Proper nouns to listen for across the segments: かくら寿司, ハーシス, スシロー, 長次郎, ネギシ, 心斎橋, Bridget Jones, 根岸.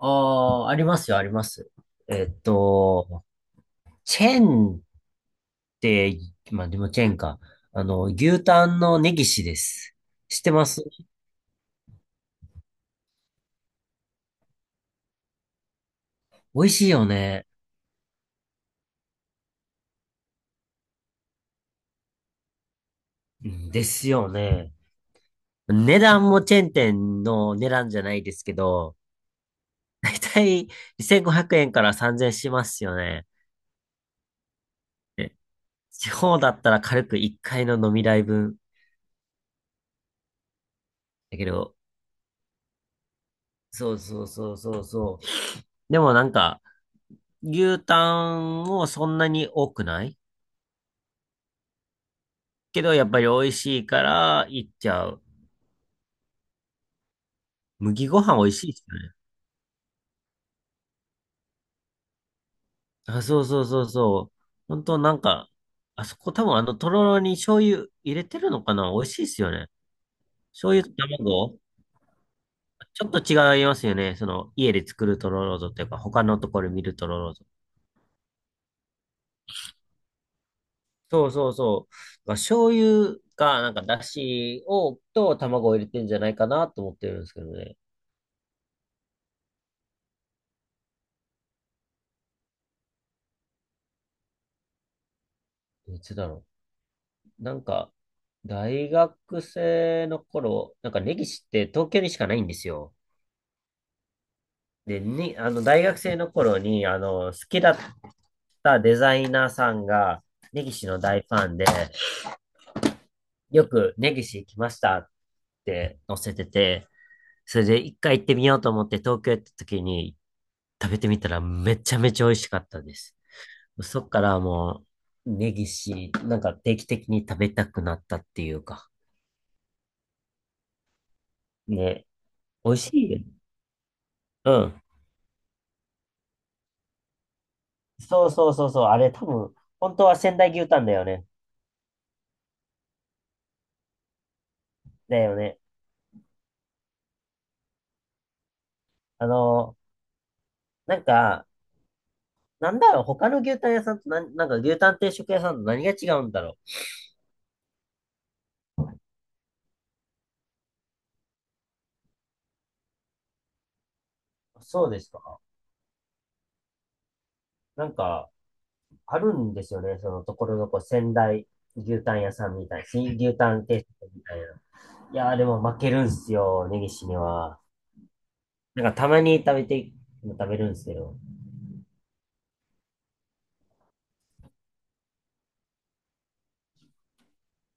ああ、ありますよ、あります。えっと、チェーンって、まあでもチェーンか。あの、牛タンのネギシです。知ってます？美味しいよね。うんですよね。値段もチェーン店の値段じゃないですけど、だいたい2500円から3000円しますよね。で、地方だったら軽く1回の飲み代分。だけど、そうそうそうそうそう。でもなんか、牛タンもそんなに多くないけど、やっぱり美味しいから行っちゃう。麦ご飯美味しいですよね。あ、そうそうそうそう。本当なんか、あそこ多分とろろに醤油入れてるのかな、美味しいですよね。醤油と卵、ちょっと違いますよね。その、家で作るとろろとっていうか、他のところで見るとろろと。そうそうそう。まあ醤油が、だしを、と卵を入れてんじゃないかなと思ってるんですけどね。いつだろう。なんか、大学生の頃、なんか根岸って東京にしかないんですよ。で、に、あの、大学生の頃に、あの、好きだったデザイナーさんが、根岸の大ファンで、よく根岸来ましたって載せてて、それで一回行ってみようと思って東京行った時に食べてみたら、めちゃめちゃ美味しかったです。そっからもう、根岸、なんか定期的に食べたくなったっていうか、ね、美味しいよね。うん。そうそうそうそう、あれ多分、本当は仙台牛タンだよね。だよね。あの、なんか、なんだろう、他の牛タン屋さんとなんか牛タン定食屋さんと何が違うんだろう。そうですか。なんか、あるんですよね。そのところどころ仙台牛タン屋さんみたいな。新牛タン定食みたいな。いやーでも負けるんすよ、根岸には。なんかたまに食べて、食べるんですけど。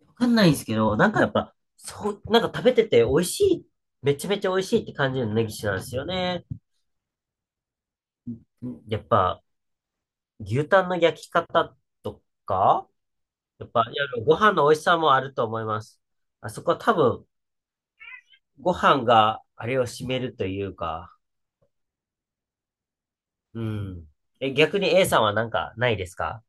わかんないんですけど、なんかやっぱ、そう、なんか食べてて美味しい、めちゃめちゃ美味しいって感じるの根岸なんですよね。やっぱ、牛タンの焼き方とか、やっぱ、いや、ご飯の美味しさもあると思います。あそこは多分、ご飯があれを占めるというか、うん。え、逆に A さんはなんかないですか？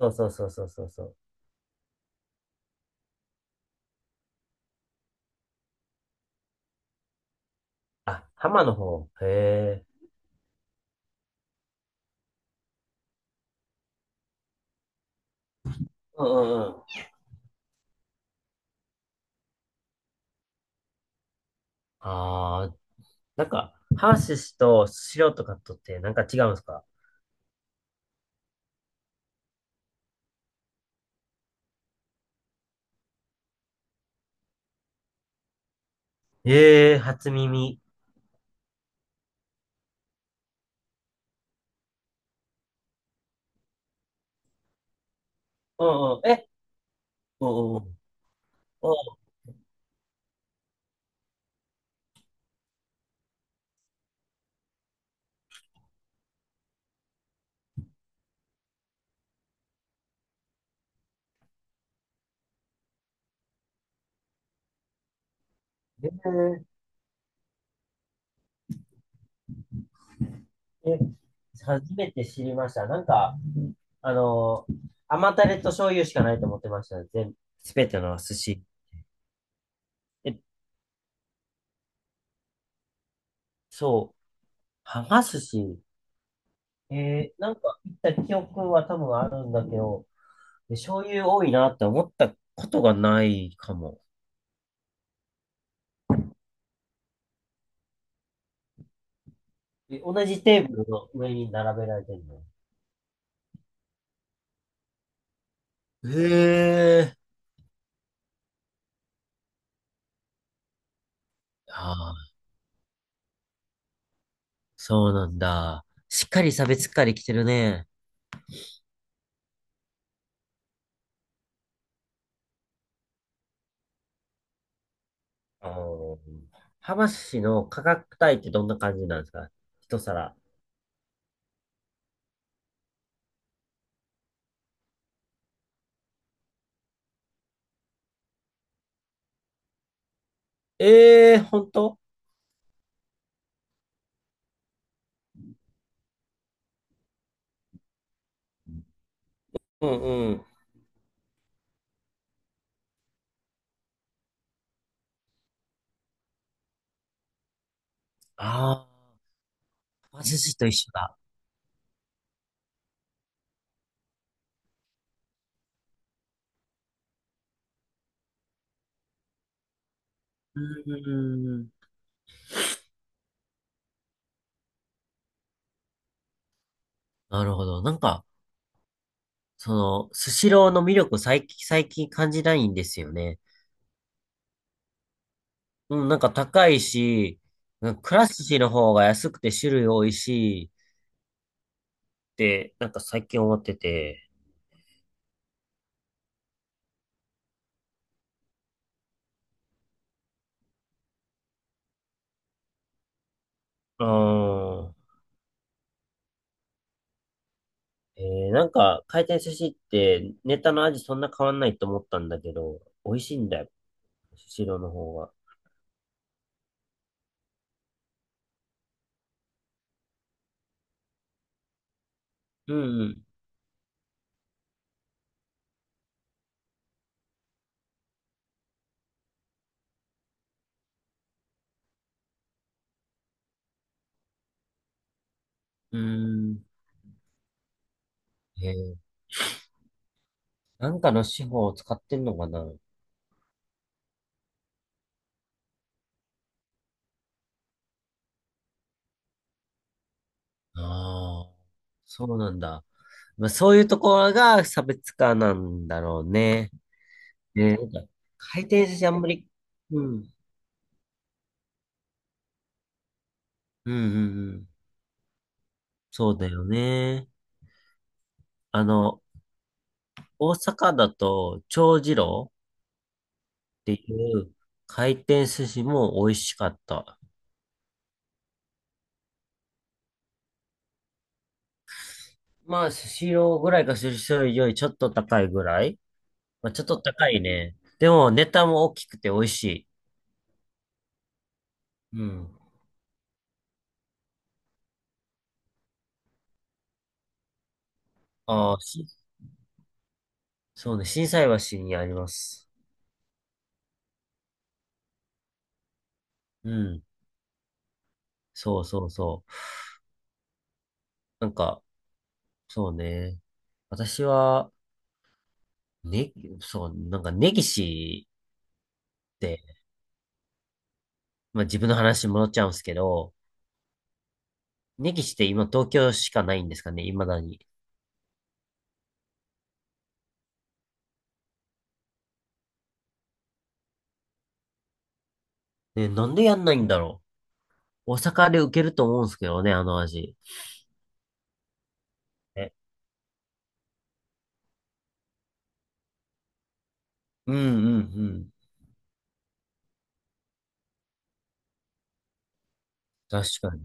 そうそうそうそうそうそう。あ、浜の方。へえ。うんうんうん。ああ、なんか、ハーシスとスシローとかとって、なんか違うんですか？ええー、初耳。うんうん。え、うんうんうん。うん。へえ、え、初めて知りました。なんか、あの、甘タレと醤油しかないと思ってました。全、すべての寿司。え、そう。はが寿司。えーなんか、行った記憶は多分あるんだけど、で、醤油多いなって思ったことがないかも。え、同じテーブルの上に並べられてるの？へえ。ああ、そうなんだ。しっかり差別化できてるね。あー、浜寿司の価格帯ってどんな感じなんですか？一皿。ええー、ほんと？うんうん。ああ、浜寿司と一緒だ。うーん。なるほど。なんか、その、スシローの魅力最近感じないんですよね。うん、なんか高いし、うんか、くら寿司の方が安くて種類多いし、って、なんか最近思ってて。うーん。えー、なんか、回転寿司ってネタの味そんな変わんないと思ったんだけど、美味しいんだよ。スシローの方が。うんうん。うーん。えー、なんかの手法を使ってんのかなあ？あ、そうなんだ。まあ、そういうところが差別化なんだろうね。ね、なんか回転寿司あんまり、うん。うんうんうん。そうだよね。あの、大阪だと、長次郎っていう回転寿司も美味しかった。まあ、スシローぐらいか、スシローよりちょっと高いぐらい。まあ、ちょっと高いね。でも、ネタも大きくて美味しい。うん。ああ、し、そうね、心斎橋にあります。うん。そうそうそう。なんか、そうね。私は、ね、そう、なんか、根岸って、まあ、自分の話に戻っちゃうんですけど、根岸って今東京しかないんですかね、未だに。ね、なんでやんないんだろう。大阪で受けると思うんですけどね、あの味。え、うんうんうん。確かに。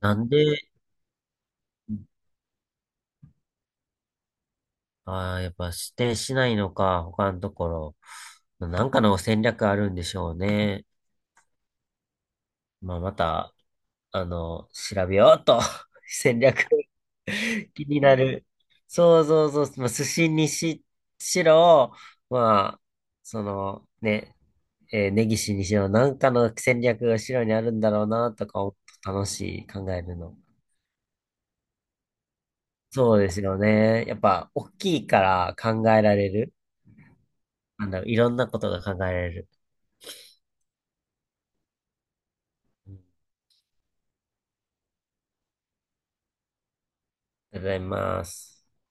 なんで、ああ、やっぱ指定しないのか、他のところ。なんかの戦略あるんでしょうね。まあ、また、あの、調べようと。戦略。気になる。そうそうそう。まあ、寿司にしろ、まあ、その、ね、えー、根岸にしろ、なんかの戦略が白にあるんだろうな、とか、楽しい、考えるの。そうですよね。やっぱ、大きいから考えられる。なんだろう、いろんなことが考えられる。うん、ありがとうございます。